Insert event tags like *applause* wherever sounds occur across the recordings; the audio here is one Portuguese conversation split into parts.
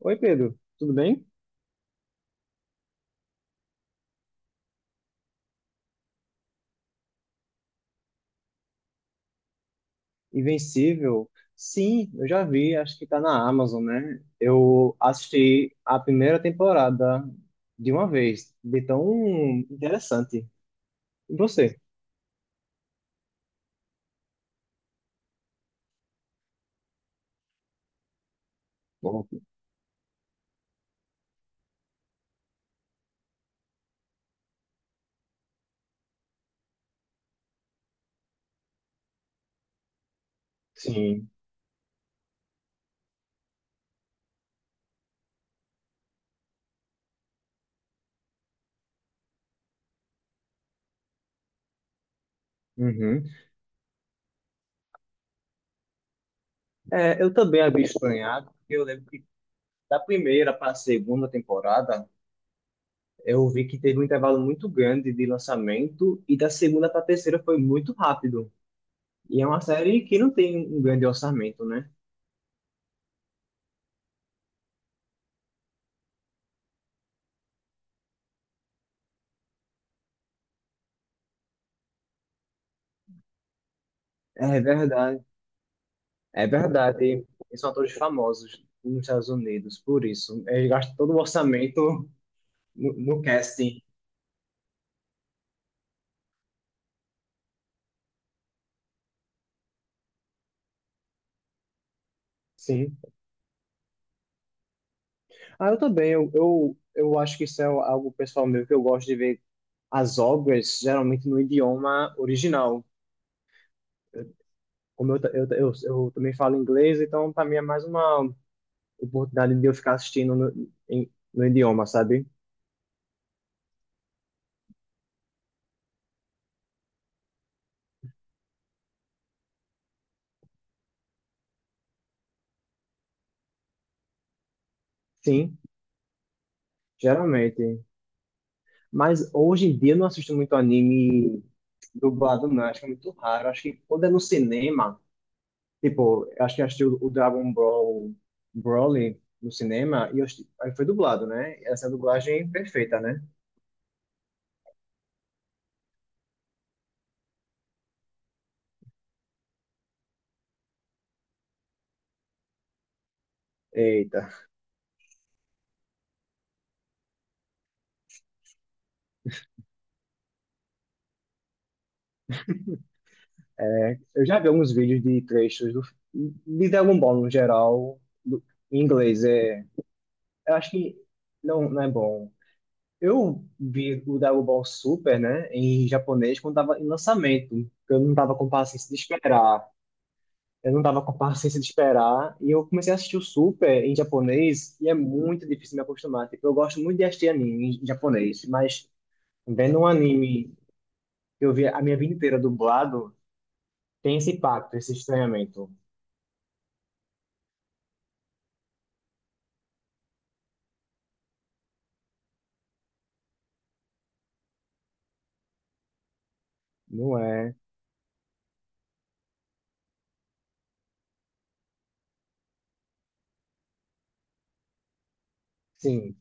Oi, Pedro, tudo bem? Invencível? Sim, eu já vi, acho que tá na Amazon, né? Eu assisti a primeira temporada de uma vez, de tão interessante. E você? Bom. Sim. Uhum. É, eu também havia estranhado, porque eu lembro que da primeira para a segunda temporada, eu vi que teve um intervalo muito grande de lançamento, e da segunda para a terceira foi muito rápido. E é uma série que não tem um grande orçamento, né? É verdade. É verdade, e são atores famosos nos Estados Unidos, por isso. Eles gastam todo o orçamento no casting. Sim. Ah, eu também. Eu acho que isso é algo pessoal meu que eu gosto de ver as obras geralmente no idioma original. Como eu também falo inglês, então para mim é mais uma oportunidade de eu ficar assistindo no idioma, sabe? Sim. Geralmente. Mas hoje em dia eu não assisto muito anime dublado, não. Acho que é muito raro. Acho que quando é no cinema, tipo, acho que eu assisti o Dragon Ball Broly no cinema e eu assisti- aí foi dublado, né? Essa dublagem perfeita, né? Eita. Eu já vi alguns vídeos de trechos de Dragon Ball no geral, do, em inglês. É, eu acho que não é bom. Eu vi o Dragon Ball Super, né, em japonês quando tava em lançamento, porque eu não tava com paciência de esperar. Eu não tava com paciência de esperar. E eu comecei a assistir o Super em japonês e é muito difícil me acostumar. Tipo, eu gosto muito de assistir anime em japonês, mas vendo um anime que eu vi a minha vida inteira dublado, tem esse impacto, esse estranhamento. Não é? Sim,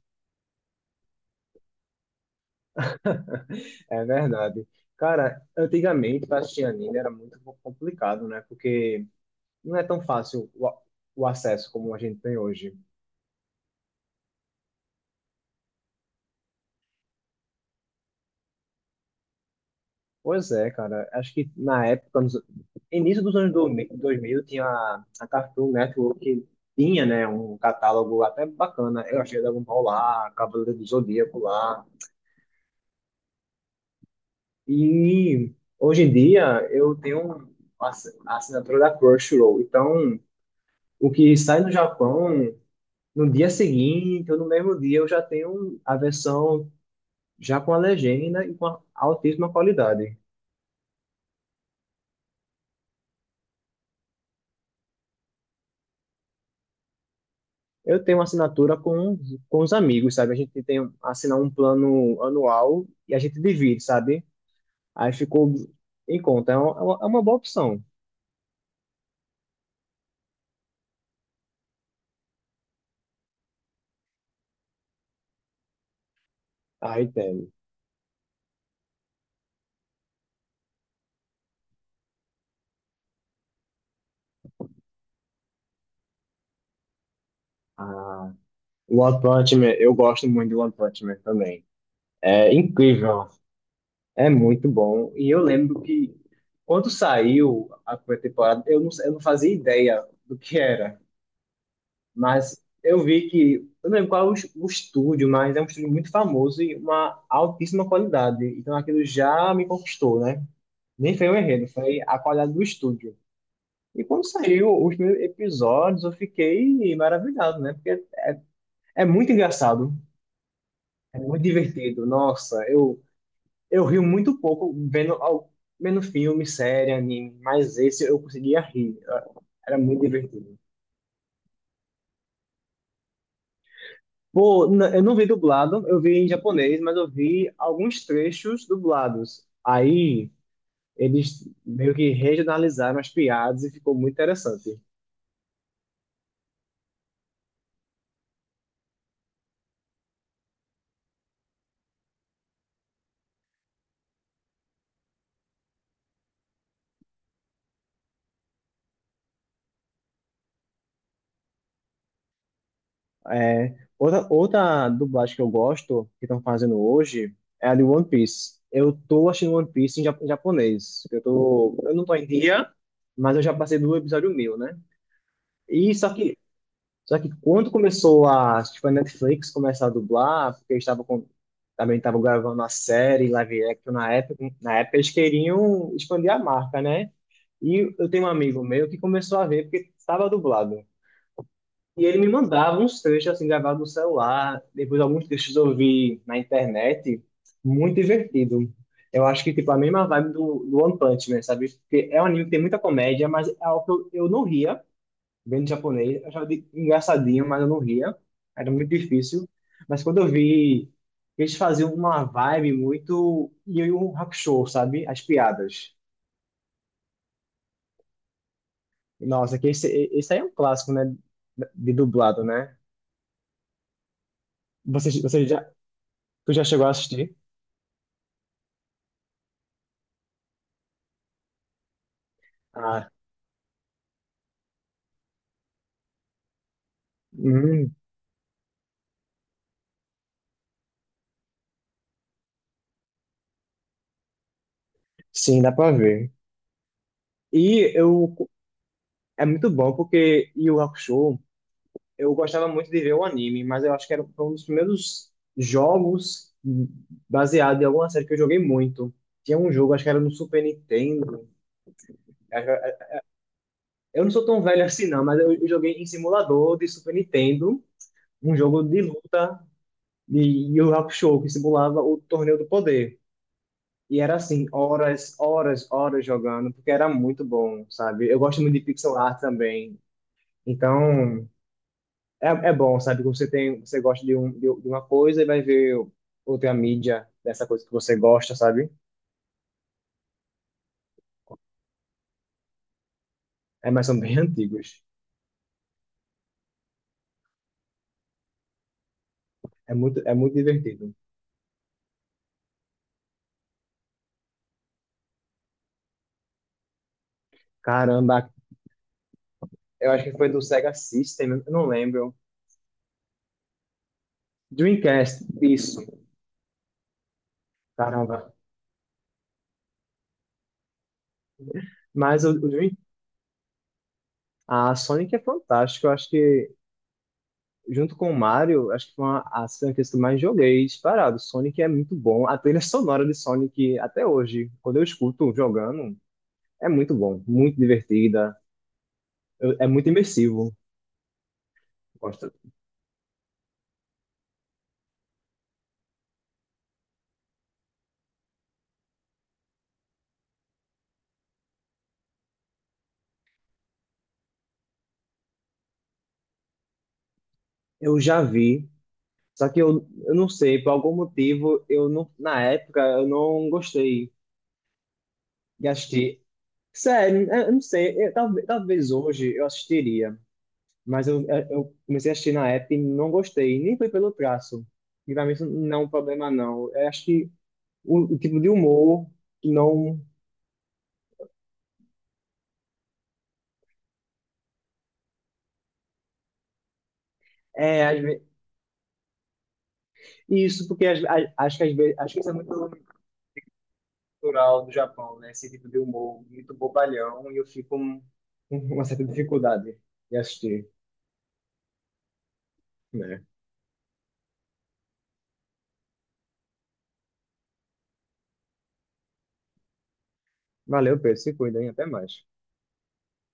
é verdade. Cara, antigamente pra assistir anime era muito complicado, né? Porque não é tão fácil o acesso como a gente tem hoje. Pois é, cara. Acho que na época, nos início dos anos dois mil, tinha a Cartoon Network que tinha, né, um catálogo até bacana. Eu achei Dragon Ball lá, Cavaleiro do Zodíaco lá. E hoje em dia eu tenho um, a a assinatura da Crunchyroll. Então, o que sai no Japão, no dia seguinte ou no mesmo dia, eu já tenho a versão já com a legenda e com a altíssima qualidade. Eu tenho uma assinatura com os amigos, sabe? A gente tem assinar um plano anual e a gente divide, sabe? Aí ficou em conta. É uma boa opção. Aí tem. Ah, One Punch Man. Eu gosto muito de One Punch Man também. É incrível. É muito bom. E eu lembro que quando saiu a primeira temporada, eu não fazia ideia do que era. Mas eu vi que, eu não lembro qual é o estúdio, mas é um estúdio muito famoso e uma altíssima qualidade. Então aquilo já me conquistou, né? Nem foi o enredo, foi a qualidade do estúdio. E quando saiu os primeiros episódios, eu fiquei maravilhado, né? Porque é, é muito engraçado, é muito divertido. Nossa, eu rio muito pouco vendo filme, série, anime, mas esse eu conseguia rir. Era muito divertido. Pô, eu não vi dublado, eu vi em japonês, mas eu vi alguns trechos dublados. Aí eles meio que regionalizaram as piadas e ficou muito interessante. É, outra dublagem que eu gosto, que estão fazendo hoje, é a de One Piece. Eu tô assistindo One Piece em japonês. Eu não tô em dia, mas eu já passei do episódio 1000, né? E só que Só que quando começou a, tipo, a Netflix começar a dublar, porque eles estavam com, também estavam gravando a série live action na época eles queriam expandir a marca, né? E eu tenho um amigo meu que começou a ver porque estava dublado. E ele me mandava uns trechos assim gravados no celular, depois alguns trechos eu vi na internet, muito divertido. Eu acho que tipo a mesma vibe do One Punch Man, sabe? Porque é um anime que tem muita comédia, mas é algo que eu não ria vendo japonês, eu achava engraçadinho, mas eu não ria. Era muito difícil. Mas quando eu vi, eles faziam uma vibe muito Yu Yu Hakusho, sabe? As piadas. Nossa, esse aí é um clássico, né? De dublado, né? Você, você já, tu já chegou a assistir? Ah, hum, sim, dá pra ver. E eu, é muito bom porque Yu Yu Hakusho, eu gostava muito de ver o anime, mas eu acho que era foi um dos primeiros jogos baseado em alguma série que eu joguei muito. Tinha um jogo, acho que era no Super Nintendo. Acho que- Eu não sou tão velho assim, não, mas eu joguei em simulador de Super Nintendo, um jogo de luta de Yu Yu Hakusho, que simulava o Torneio do Poder. E era assim, horas, horas, horas jogando, porque era muito bom, sabe? Eu gosto muito de pixel art também. Então, é, é bom, sabe? Que você tem, você gosta de uma coisa e vai ver outra mídia dessa coisa que você gosta, sabe? É, mas são bem *laughs* antigos. É muito divertido. Caramba, eu acho que foi do Sega System, eu não lembro. Dreamcast, isso. Caramba. Mas a Sonic é fantástica. Eu acho que, junto com o Mario, acho que foi uma, as franquias que eu mais joguei disparado. Sonic é muito bom. A trilha sonora de Sonic, até hoje, quando eu escuto jogando, é muito bom. Muito divertida. É muito imersivo. Gosto. Eu já vi, só que eu não sei, por algum motivo, eu não, na época, eu não gostei de assistir. Sério, eu não sei, talvez, talvez hoje eu assistiria, mas eu comecei a assistir na época e não gostei, nem foi pelo traço. E pra mim isso não é um problema, não. Eu acho que o tipo de humor não. É, isso, porque acho que às vezes, acho que isso é muito cultural do Japão, né? Esse tipo de humor muito bobalhão e eu fico com *laughs* uma certa dificuldade de assistir, né? Valeu, Pedro, se cuida, hein? Até mais.